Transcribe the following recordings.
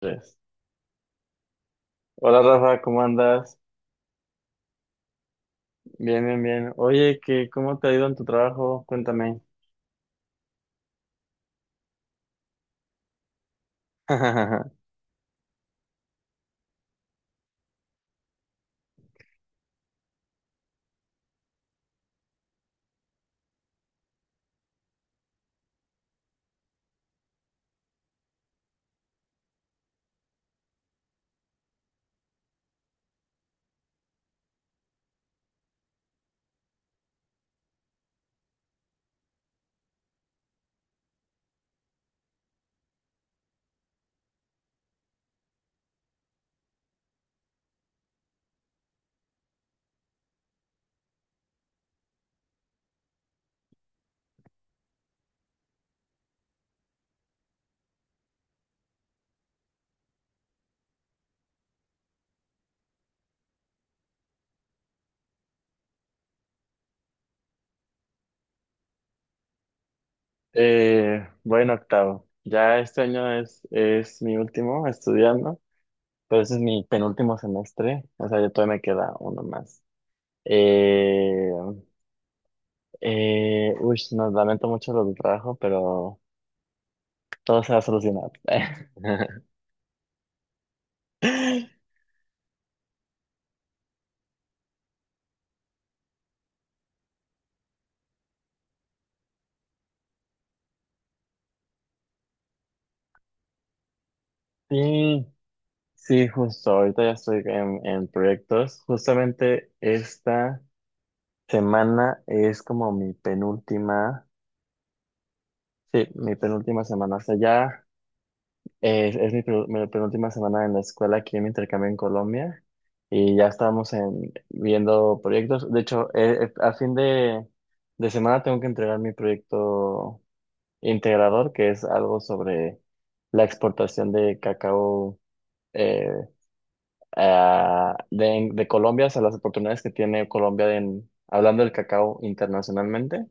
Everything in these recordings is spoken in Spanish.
Tres. Hola Rafa, ¿cómo andas? Bien, bien, bien. Oye, ¿qué, cómo te ha ido en tu trabajo? Cuéntame. Bueno, octavo. Ya este año es mi último estudiando, pero ese es mi penúltimo semestre, o sea, ya todavía me queda uno más. Eh, uy, nos lamento mucho lo del trabajo, pero todo se va a solucionar. Sí, sí, justo, ahorita ya estoy en proyectos. Justamente esta semana es como mi penúltima, sí, mi penúltima semana, o sea, ya es mi, mi penúltima semana en la escuela aquí en mi intercambio en Colombia y ya estamos en, viendo proyectos. De hecho, a fin de semana tengo que entregar mi proyecto integrador, que es algo sobre la exportación de cacao eh, de Colombia, o sea, las oportunidades que tiene Colombia en, hablando del cacao internacionalmente.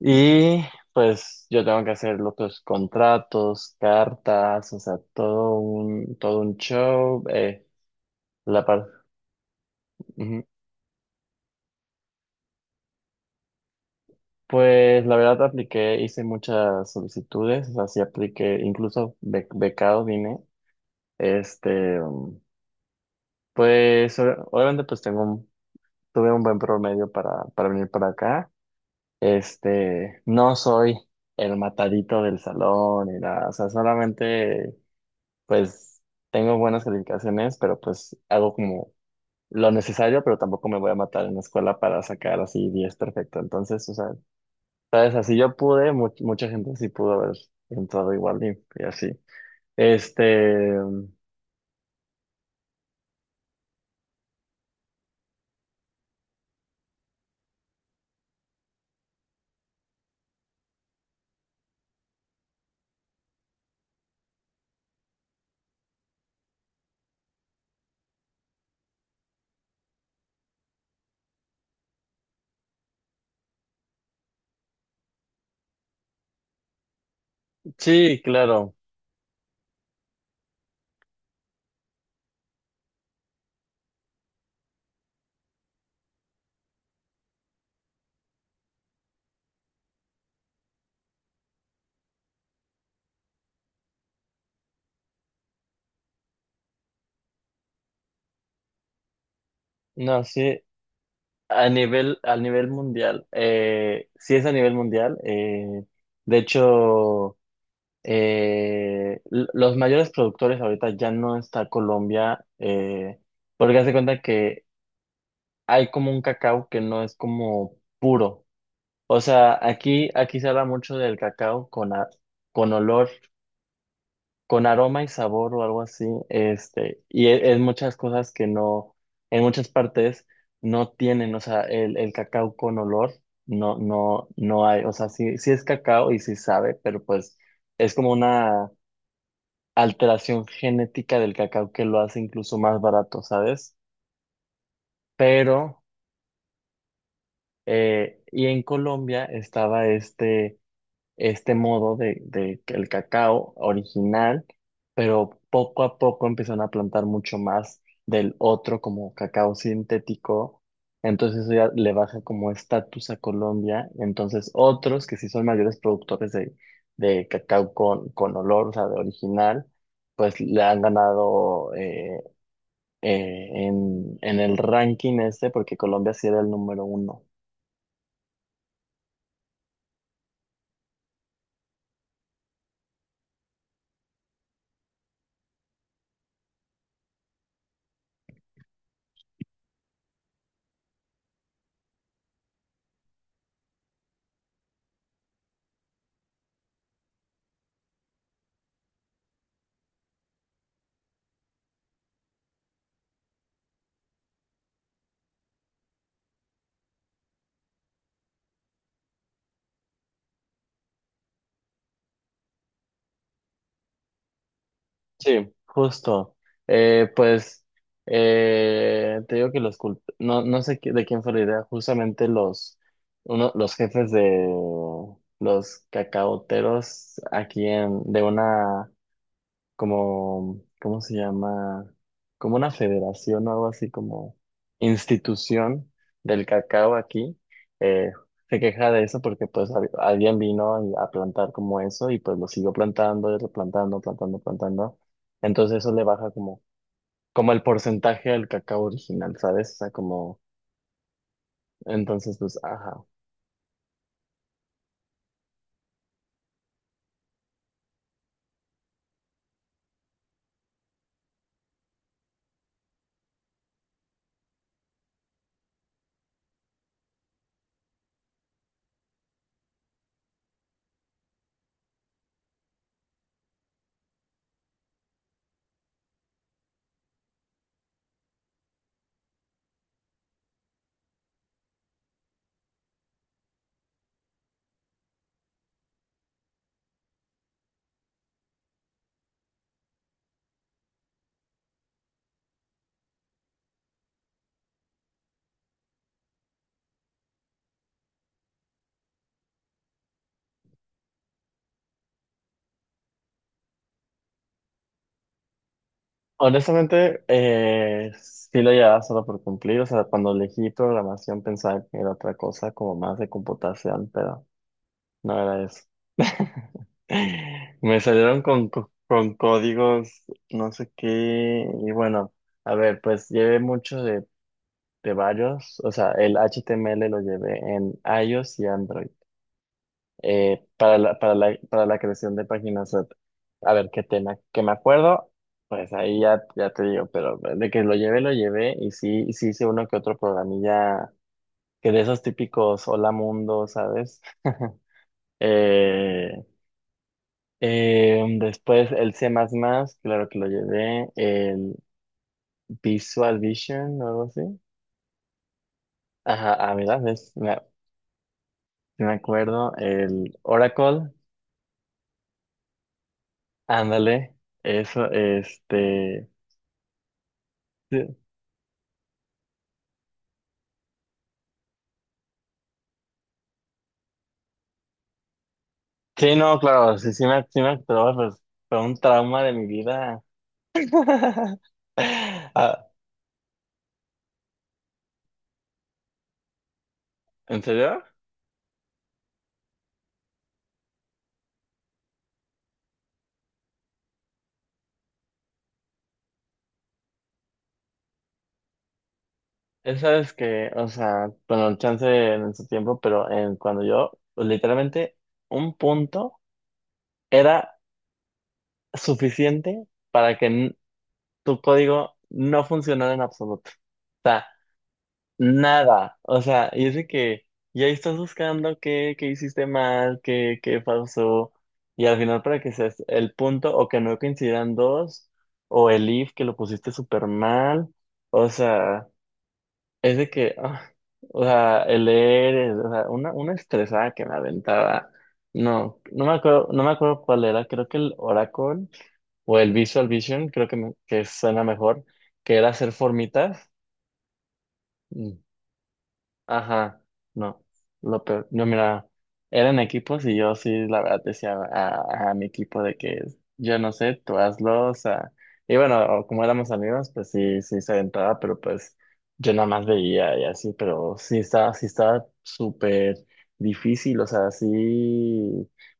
Y pues yo tengo que hacer los otros contratos, cartas, o sea, todo un show. La par- Ujú. Pues la verdad apliqué, hice muchas solicitudes, o sea, sí apliqué, incluso becado vine. Este, pues obviamente pues tuve un buen promedio para venir para acá. Este, no soy el matadito del salón ni nada, o sea, solamente pues tengo buenas calificaciones, pero pues hago como lo necesario, pero tampoco me voy a matar en la escuela para sacar así 10 perfecto. Entonces, o sea, sabes, así yo pude, mucha gente sí pudo haber entrado igual y así. Este, sí, claro, no, sí, a nivel mundial, sí es a nivel mundial, de hecho los mayores productores ahorita ya no está Colombia, porque hace cuenta que hay como un cacao que no es como puro. O sea, aquí, aquí se habla mucho del cacao con olor, con aroma y sabor o algo así. Este, y es, muchas cosas que no, en muchas partes no tienen, o sea, el cacao con olor no, no, no hay. O sea, sí, sí es cacao y sí sabe, pero pues es como una alteración genética del cacao que lo hace incluso más barato, ¿sabes? Pero y en Colombia estaba este, este modo de que el cacao original, pero poco a poco empezaron a plantar mucho más del otro como cacao sintético. Entonces eso ya le baja como estatus a Colombia. Entonces otros que sí son mayores productores de cacao con olor, o sea, de original, pues le han ganado en el ranking este porque Colombia sí era el número uno. Sí, justo. Pues te digo que los no, no sé de quién fue la idea, justamente los, uno, los jefes de los cacaoteros aquí en, de una como, ¿cómo se llama? Como una federación o algo así como institución del cacao aquí, eh, se queja de eso porque pues alguien a plantar como eso y pues lo siguió plantando y replantando, plantando, plantando. Entonces eso le baja como, como el porcentaje del cacao original, ¿sabes? O sea, como, entonces pues, ajá. Honestamente, sí lo llevaba solo por cumplir. O sea, cuando elegí programación pensaba que era otra cosa, como más de computación, pero no era eso. Me salieron con códigos, no sé qué, y bueno, a ver, pues llevé mucho de varios, o sea, el HTML lo llevé en iOS y Android, para la, para la, para la creación de páginas web. A ver, qué tema, que me acuerdo, pues ahí ya, ya te digo, pero de que lo llevé, y sí hice uno que otro programilla, que de esos típicos hola mundo, ¿sabes? Eh, después el C++, claro que lo llevé, el Visual Vision o algo así. Ajá, ah, mira, ves, me, sí me acuerdo, el Oracle, ándale, eso, este. Sí, sí, no, claro, sí, sí me acuerdo, pues fue un trauma de mi vida. Ah, ¿en serio? Esa es que, o sea, bueno, el chance en su tiempo, pero en, cuando yo, pues, literalmente, un punto era suficiente para que tu código no funcionara en absoluto. O sea, nada. O sea, y es de que ya estás buscando qué, qué hiciste mal, qué, qué pasó. Y al final para que seas el punto o que no coincidan dos, o el if que lo pusiste súper mal. O sea, es de que, ah, o sea, el leer, o sea, una estresada que me aventaba. No, no me acuerdo, no me acuerdo cuál era, creo que el Oracle o el Visual Vision, creo que, que suena mejor, que era hacer formitas. Mm, ajá, no, lo peor, no, mira, eran equipos y yo sí, la verdad, decía a mi equipo de que yo no sé, tú hazlo, o sea, y bueno, como éramos amigos, pues sí, sí se aventaba, pero pues yo nada más veía y así, pero sí estaba súper difícil, o sea, sí,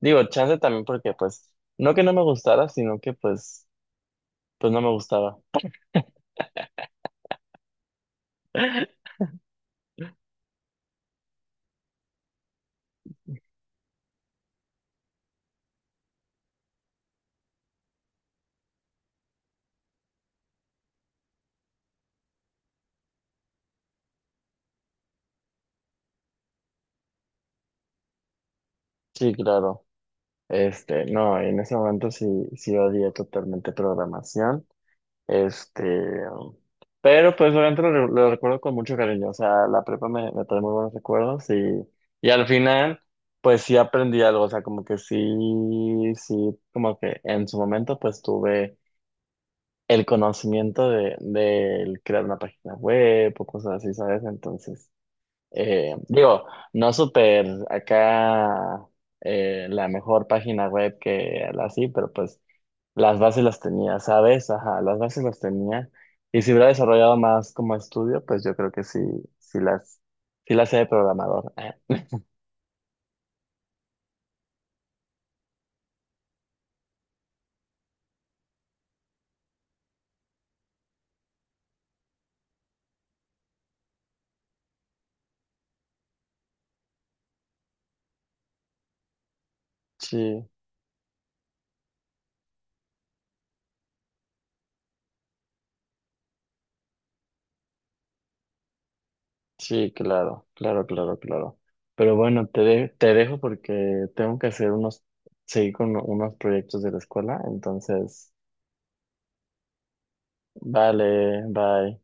digo, chance también porque pues, no que no me gustara, sino que pues, pues no me gustaba. Sí, claro. Este, no, en ese momento sí, sí odié totalmente programación. Este, pero pues obviamente lo, lo recuerdo con mucho cariño. O sea, la prepa me, me trae muy buenos recuerdos y al final, pues sí aprendí algo. O sea, como que sí, sí, como que en su momento pues tuve el conocimiento de crear una página web o cosas así, ¿sabes? Entonces digo, no súper acá la mejor página web que la así, pero pues las bases las tenía, ¿sabes? Ajá, las bases las tenía. Y si hubiera desarrollado más como estudio, pues yo creo que sí, sí las, sí las sé de programador. Ah, sí, sí, claro, claro, claro, claro. Pero bueno, te, te dejo porque tengo que hacer unos, seguir con unos proyectos de la escuela, entonces, vale, bye.